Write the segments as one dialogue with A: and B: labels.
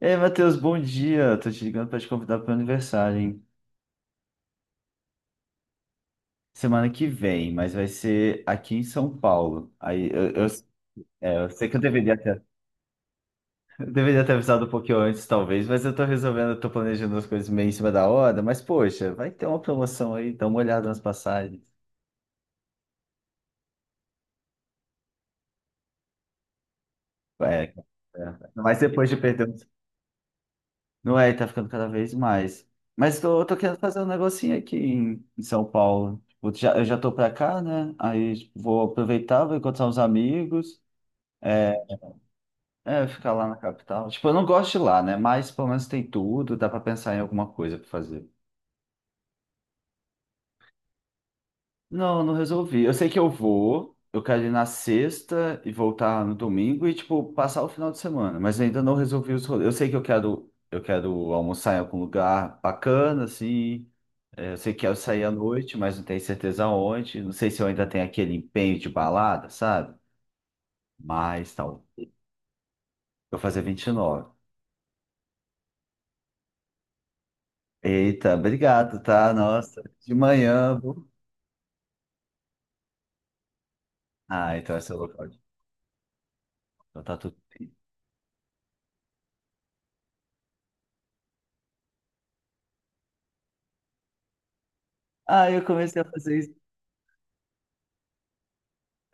A: Ei, Matheus, bom dia. Tô te ligando pra te convidar pro meu aniversário, hein? Semana que vem, mas vai ser aqui em São Paulo. É, eu sei que eu deveria ter, eu deveria ter avisado um pouquinho antes, talvez, mas eu tô resolvendo, eu tô planejando as coisas meio em cima da hora, mas poxa, vai ter uma promoção aí, dá uma olhada nas passagens. É, é, mas depois de não é, tá ficando cada vez mais. Mas tô querendo fazer um negocinho aqui em São Paulo. Tipo, já, eu já tô pra cá, né? Aí tipo, vou aproveitar, vou encontrar uns amigos. É, ficar lá na capital. Tipo, eu não gosto de lá, né? Mas pelo menos tem tudo, dá pra pensar em alguma coisa pra fazer. Não, resolvi. Eu sei que eu vou, eu quero ir na sexta e voltar no domingo e, tipo, passar o final de semana, mas ainda não resolvi os rolês. Eu sei que eu quero almoçar em algum lugar bacana, assim. É, eu sei que quero sair à noite, mas não tenho certeza onde. Não sei se eu ainda tenho aquele empenho de balada, sabe? Mas tal. Eu vou fazer 29. Eita, obrigado, tá? Nossa, de manhã. Ah, então esse é o local. Então tá tudo bem. Ah, eu comecei a fazer isso.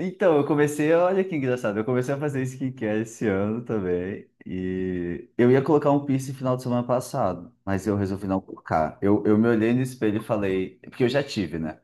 A: Então, eu comecei, olha que engraçado, eu comecei a fazer skincare esse ano também. E eu ia colocar um piercing no final de semana passado, mas eu resolvi não colocar. Eu me olhei no espelho e falei, porque eu já tive, né?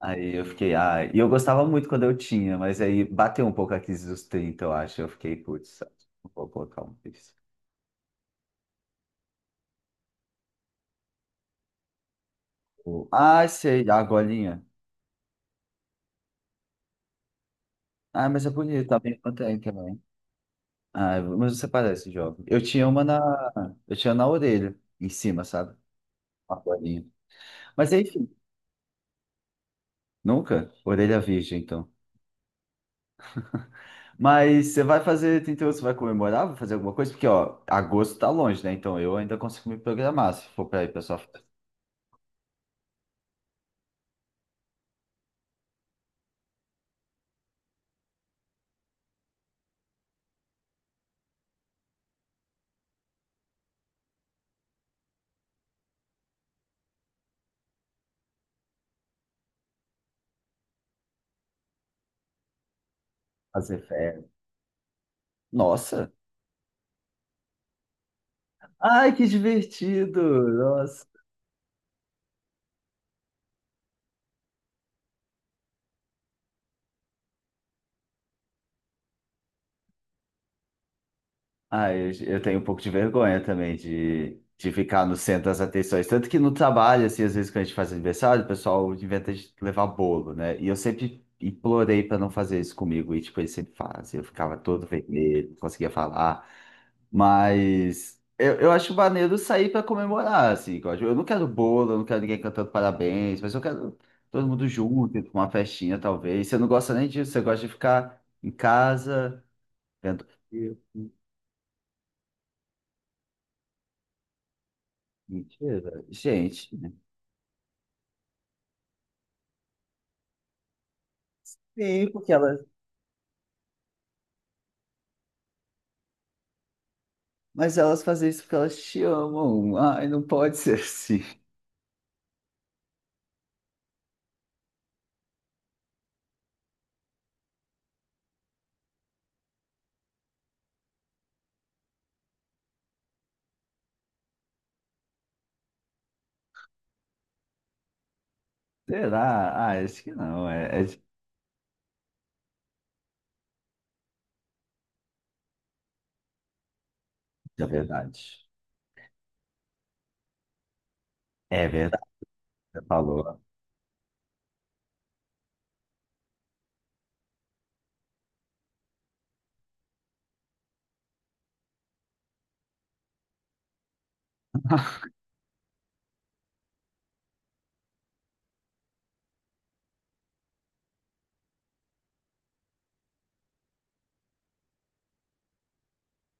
A: Aí eu fiquei, ah, e eu gostava muito quando eu tinha, mas aí bateu um pouco a crise dos 30, eu acho. Eu fiquei, putz, não vou colocar um piercing. Ah, sei, a golinha. Ah, mas é bonito, tá bem contente. Ah, mas você parece jovem. Eu tinha na orelha, em cima, sabe? Uma bolinha. Mas enfim, nunca. Orelha virgem, então. Mas você vai fazer 38, você vai comemorar, vai fazer alguma coisa? Porque, ó, agosto tá longe, né? Então eu ainda consigo me programar se for pra ir pra sua festa, fazer férias. Nossa! Ai, que divertido! Nossa! Ah, eu tenho um pouco de vergonha também de ficar no centro das atenções. Tanto que no trabalho, assim, às vezes quando a gente faz aniversário, o pessoal inventa de levar bolo, né? E eu sempre implorei para não fazer isso comigo, e tipo, eles sempre fazem. Eu ficava todo vermelho, não conseguia falar. Mas eu acho maneiro sair para comemorar, assim, igual, tipo, eu não quero bolo, eu não quero ninguém cantando parabéns, mas eu quero todo mundo junto, com uma festinha, talvez. Você não gosta nem disso, você gosta de ficar em casa, vendo filme. Mentira. Gente, sim, porque elas. Mas elas fazem isso porque elas te amam. Ai, não pode ser assim. Será? Ah, acho que não. É verdade. É verdade, você falou.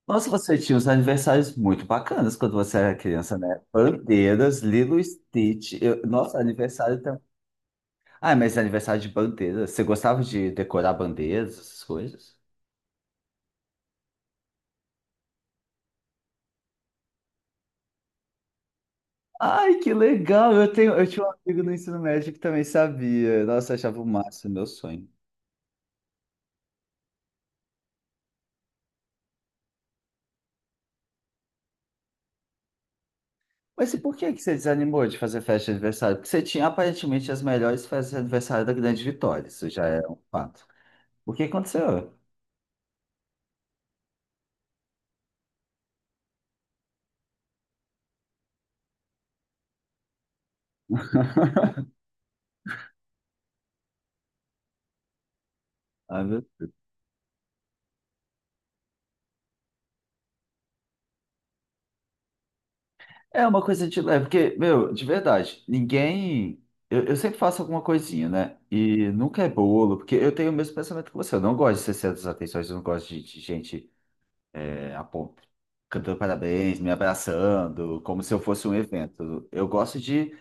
A: Nossa, você tinha uns aniversários muito bacanas quando você era criança, né? Bandeiras, Lilo e Stitch. Eu- nossa, aniversário também. Ah, mas aniversário de bandeiras. Você gostava de decorar bandeiras, essas coisas? Ai, que legal! Eu tinha um amigo no ensino médio que também sabia. Nossa, eu achava o máximo, meu sonho. Mas e por que que você desanimou de fazer festa de aniversário? Porque você tinha aparentemente as melhores festas de aniversário da Grande Vitória, isso já é um fato. O que aconteceu? Ah, meu- é uma coisa de leve, porque, meu, de verdade, ninguém. Eu sempre faço alguma coisinha, né? E nunca é bolo, porque eu tenho o mesmo pensamento que você. Eu não gosto de ser centro das atenções, eu não gosto de gente é, a cantando parabéns, me abraçando, como se eu fosse um evento. Eu gosto de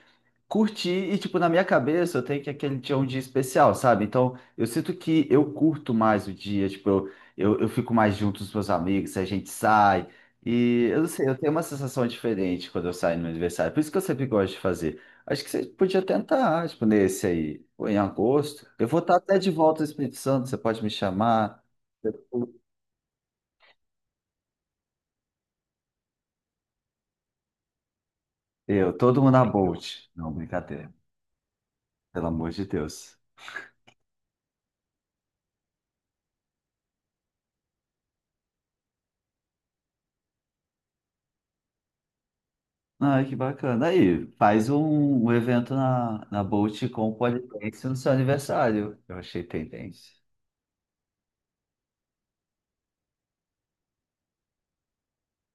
A: curti e, tipo, na minha cabeça eu tenho que aquele dia é um dia especial, sabe? Então, eu sinto que eu curto mais o dia, tipo, eu fico mais junto com os meus amigos, a gente sai. E eu não sei, eu tenho uma sensação diferente quando eu saio no meu aniversário. Por isso que eu sempre gosto de fazer. Acho que você podia tentar, tipo, nesse aí, ou em agosto. Eu vou estar até de volta ao Espírito Santo, você pode me chamar. Eu, todo mundo na Bolt. Não, brincadeira. Pelo amor de Deus. Ah, que bacana. Aí, faz um evento na Bolt com o Polidense no seu aniversário. Eu achei tendência.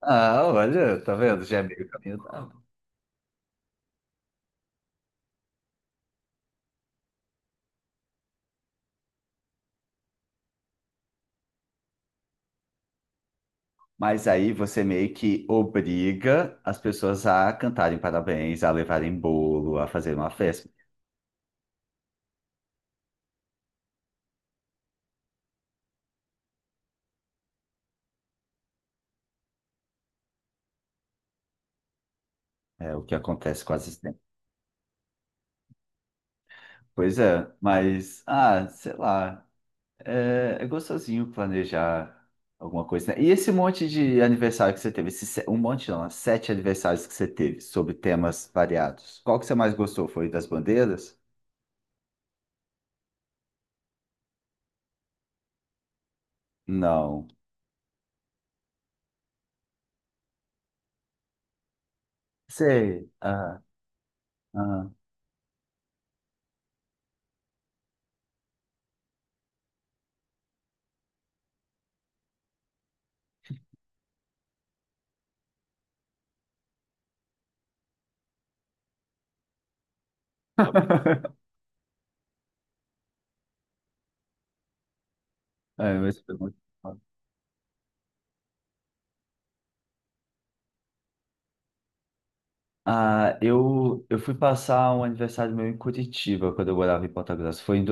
A: Ah, olha, tá vendo? Já é meio caminho dado. Mas aí você meio que obriga as pessoas a cantarem parabéns, a levarem bolo, a fazer uma festa. É o que acontece quase sempre. Pois é, mas, ah, sei lá. É, é gostosinho planejar alguma coisa, né? E esse monte de aniversário que você teve, esse se- um monte não, né? 7 aniversários que você teve, sobre temas variados. Qual que você mais gostou? Foi das bandeiras? Não. Sei. Ah, ah, é, mas foi muito bom. Ah, eu fui passar um aniversário meu em Curitiba, quando eu morava em Ponta Grossa. Foi em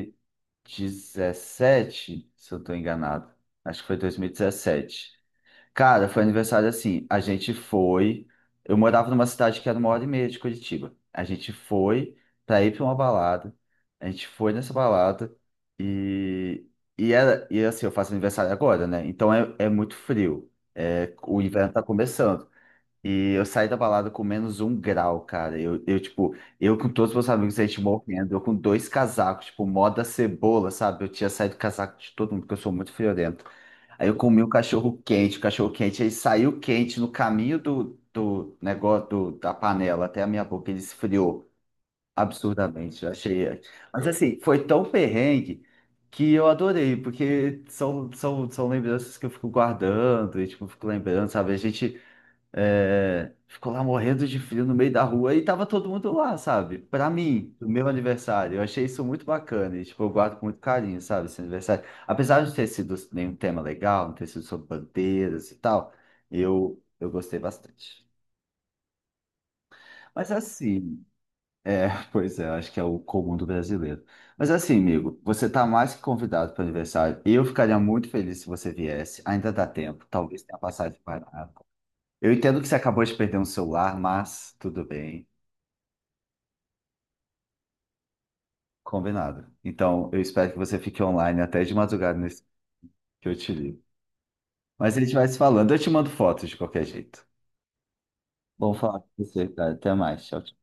A: 2017, se eu não estou enganado. Acho que foi 2017. Cara, foi aniversário assim. A gente foi. Eu morava numa cidade que era uma hora e meia de Curitiba. A gente foi pra ir pra uma balada. A gente foi nessa balada e, e era. E assim, eu faço aniversário agora, né? Então é, é muito frio. É, o inverno tá começando. E eu saí da balada com menos um grau, cara. Eu com todos os meus amigos, a gente morrendo. Eu com dois casacos, tipo, moda cebola, sabe? Eu tinha saído casaco de todo mundo, porque eu sou muito friorento. Aí eu comi o cachorro quente, aí saiu quente no caminho do negócio do- da panela até a minha boca, ele esfriou absurdamente, eu achei. Mas assim, foi tão perrengue que eu adorei, porque são lembranças que eu fico guardando, e tipo, eu fico lembrando, sabe? A gente é, ficou lá morrendo de frio no meio da rua e tava todo mundo lá, sabe? Pra mim, do meu aniversário, eu achei isso muito bacana e, tipo, eu guardo com muito carinho, sabe, esse aniversário. Apesar de não ter sido nenhum tema legal, não ter sido sobre bandeiras e tal, eu gostei bastante. Mas assim, é, pois é, acho que é o comum do brasileiro. Mas assim, amigo, você tá mais que convidado para o aniversário. Eu ficaria muito feliz se você viesse. Ainda dá tempo, talvez tenha passagem de parada. Eu entendo que você acabou de perder um celular, mas tudo bem. Combinado. Então, eu espero que você fique online até de madrugada nesse que eu te ligo. Mas a gente vai se falando. Eu te mando fotos de qualquer jeito. Bom falar com você, cara. Até mais. Tchau, tchau.